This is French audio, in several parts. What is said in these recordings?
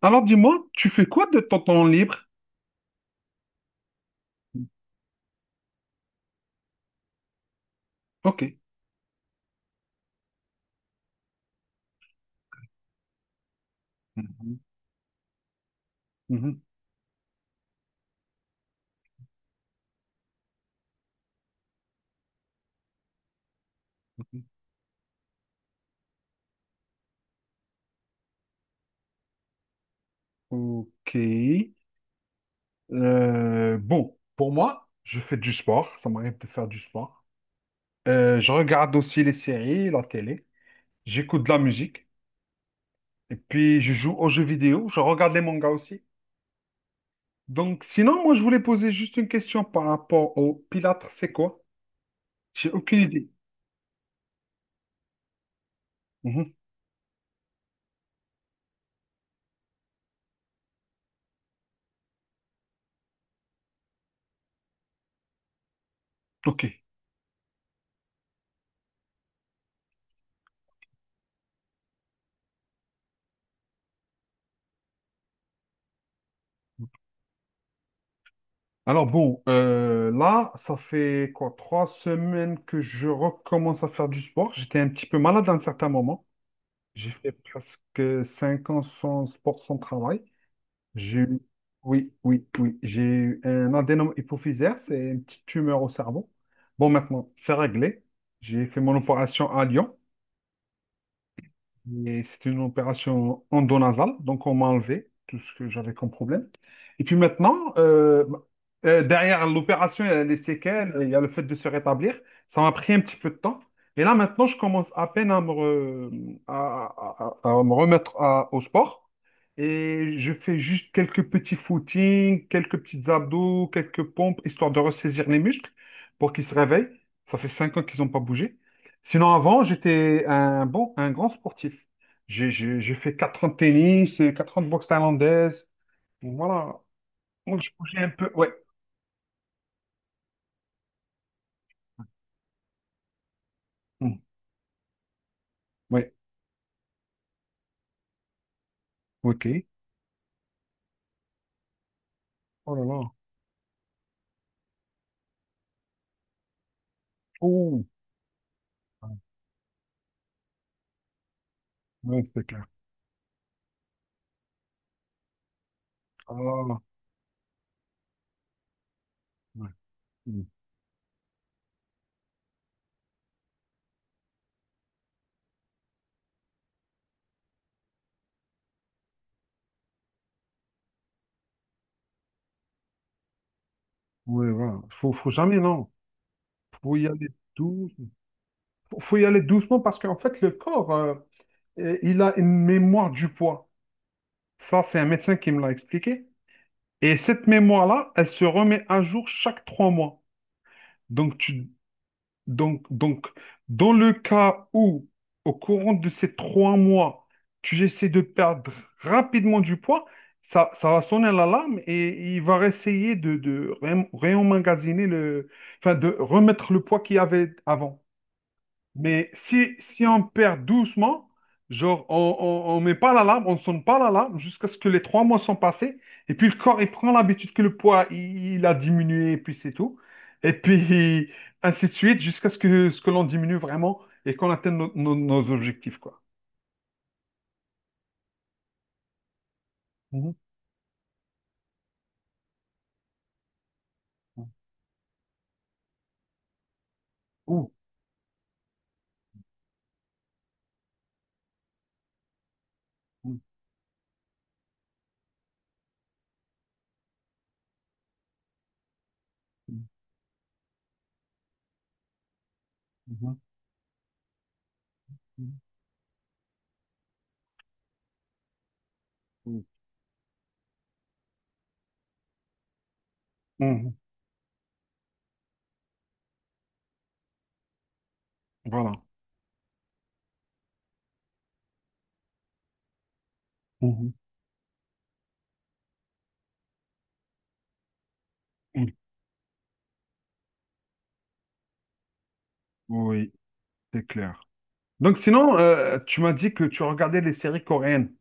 Alors dis-moi, tu fais quoi de ton temps libre? Ok. Mhm. Mhm. Mhm. Ok. Bon, pour moi, je fais du sport. Ça m'arrive de faire du sport. Je regarde aussi les séries, la télé. J'écoute de la musique. Et puis, je joue aux jeux vidéo. Je regarde les mangas aussi. Donc, sinon, moi, je voulais poser juste une question par rapport au Pilates. C'est quoi? J'ai aucune idée. Mhm. Ok. Alors bon, là, ça fait quoi, trois semaines que je recommence à faire du sport. J'étais un petit peu malade à un certain moment. J'ai fait presque cinq ans sans sport, sans travail. J'ai eu, oui, oui, oui, j'ai eu un adénome hypophysaire, c'est une petite tumeur au cerveau. Bon, maintenant, c'est réglé. J'ai fait mon opération à Lyon. Et c'était une opération endonasale, donc on m'a enlevé tout ce que j'avais comme problème. Et puis maintenant, derrière l'opération, il y a les séquelles, il y a le fait de se rétablir. Ça m'a pris un petit peu de temps. Et là, maintenant, je commence à peine à me remettre au sport. Et je fais juste quelques petits footings, quelques petits abdos, quelques pompes, histoire de ressaisir les muscles pour qu'ils se réveillent. Ça fait cinq ans qu'ils n'ont pas bougé. Sinon, avant, j'étais un bon, un grand sportif. J'ai fait 4 ans de tennis, et 4 ans de boxe thaïlandaise. Voilà. Donc, je bougeais un peu. Ouais. Hmm. Ouais. OK. Oh là là. Oh. Ouais, ouais, c'est clair. Ah, ouais. Hmm. Ouais, voilà. Faut jamais, non. Faut y aller doucement. Faut y aller doucement parce qu'en fait, le corps, il a une mémoire du poids. Ça, c'est un médecin qui me l'a expliqué. Et cette mémoire-là, elle se remet à jour chaque trois mois. Donc, tu, donc, dans le cas où, au courant de ces trois mois, tu essaies de perdre rapidement du poids, ça va sonner l'alarme et il va essayer de réemmagasiner le, enfin, de remettre le poids qu'il y avait avant. Mais si on perd doucement, genre on met pas l'alarme, on ne sonne pas l'alarme jusqu'à ce que les trois mois sont passés, et puis le corps il prend l'habitude que le poids il a diminué, et puis c'est tout. Et puis ainsi de suite jusqu'à ce que l'on diminue vraiment et qu'on atteigne nos objectifs, quoi. Mhm. Mhm. Mhm. Mhm. Mhm. Mhm. Voilà. Mhm. Mhm. Oui, c'est clair. Donc sinon, tu m'as dit que tu regardais les séries coréennes.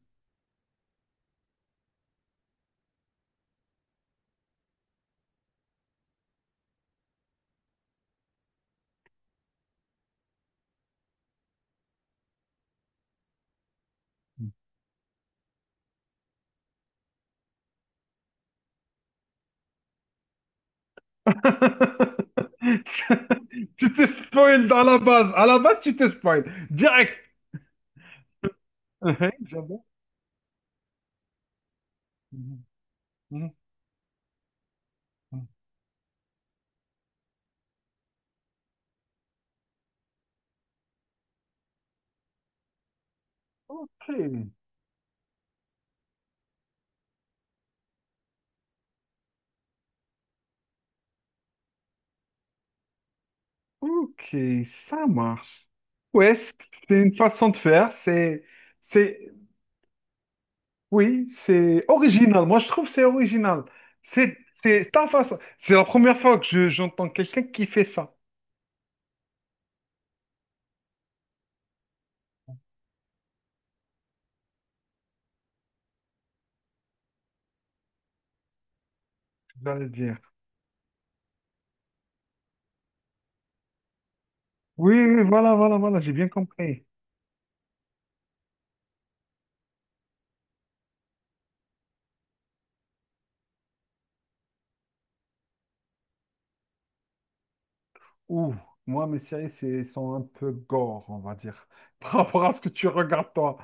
Tu te spoil dans la base. À la base, tu te spoil. Direct. Mhm, j'adore. Mhm, mhm, mhm. Ok. Ok, ça marche. Ouais, c'est une façon de faire. C'est, oui, c'est original. Moi, je trouve que c'est original. C'est ta façon. C'est la première fois que j'entends quelqu'un qui fait ça. J'allais dire. Oui, oui, voilà, voilà, voilà. J'ai bien compris. Ouh, moi, mes séries, sont un peu gore, on va dire, par rapport à ce que tu regardes toi.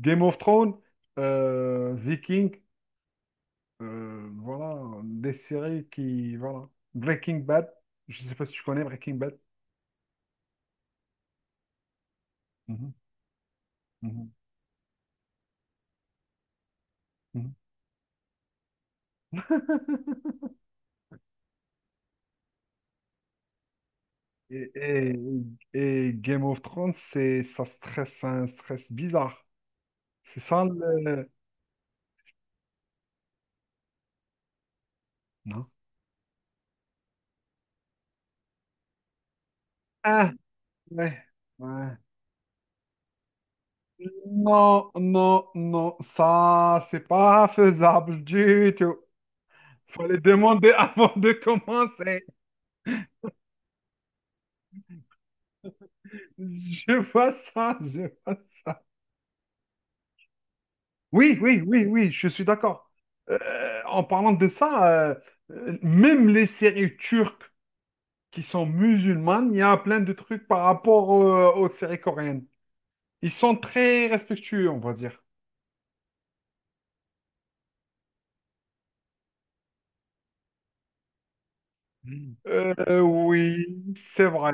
Game of Thrones, Viking. Voilà, des séries qui... Voilà. Breaking Bad, je sais pas si tu connais Breaking Bad. Mhm, mhm, mhm. Et, et- et Game of Thrones, c'est, ça stresse, un stress bizarre. C'est ça le... Non. Ah, ouais, ouais. Non, non, non, ça, c'est pas faisable du tout. Fallait demander avant de commencer. Je vois ça, je vois ça. Oui, oui, oui, oui, je suis d'accord. En parlant de ça, même les séries turques qui sont musulmanes, il y a plein de trucs par rapport aux séries coréennes. Ils sont très respectueux, on va dire. Mm. Oui, c'est vrai.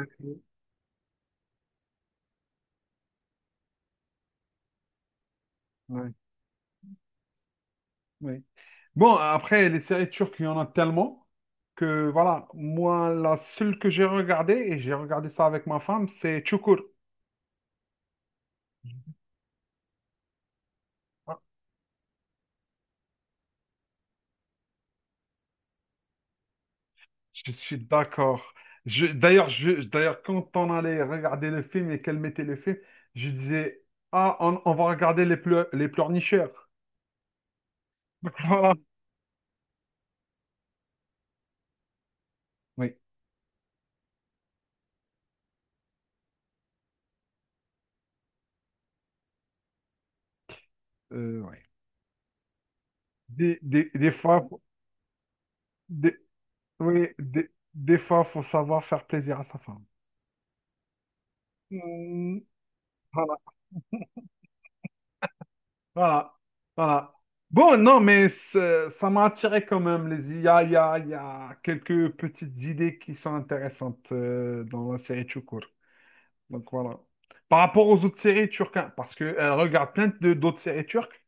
Ouais, ouais. Bon, après, les séries turques, il y en a tellement que, voilà, moi, la seule que j'ai regardée, et j'ai regardé ça avec ma femme, c'est Çukur. Je suis d'accord. Je, d'ailleurs, quand on allait regarder le film et qu'elle mettait le film, je disais, ah, on va regarder les pleurnicheurs. Voilà. Oui, oui. Des fois, faut- des, oui, des fois, faut savoir faire plaisir à sa femme. Mm, voilà, voilà, voilà. Bon, non, mais ça m'a attiré quand même. Les... Il y a, il y a- il y a quelques petites idées qui sont intéressantes dans la série Chukur. Donc voilà. Par rapport aux autres séries turques, hein, parce qu'elle regarde plein d'autres séries turques,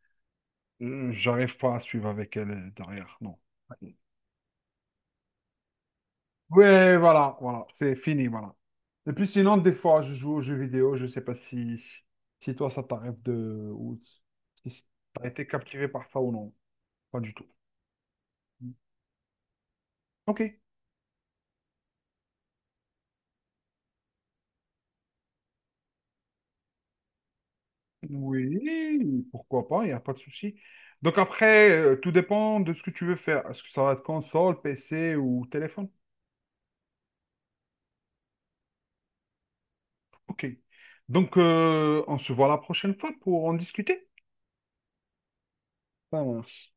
j'arrive pas à suivre avec elle derrière, non. Ouais, voilà, voilà, c'est fini, voilà. Et puis sinon, des fois, je joue aux jeux vidéo, je sais pas si, toi, ça t'arrive de... ou si t'as été captivé par ça ou non. Pas du tout. Ok. Oui, pourquoi pas, il n'y a pas de souci. Donc après, tout dépend de ce que tu veux faire. Est-ce que ça va être console, PC ou téléphone? Ok. Donc, on se voit la prochaine fois pour en discuter. Ça marche.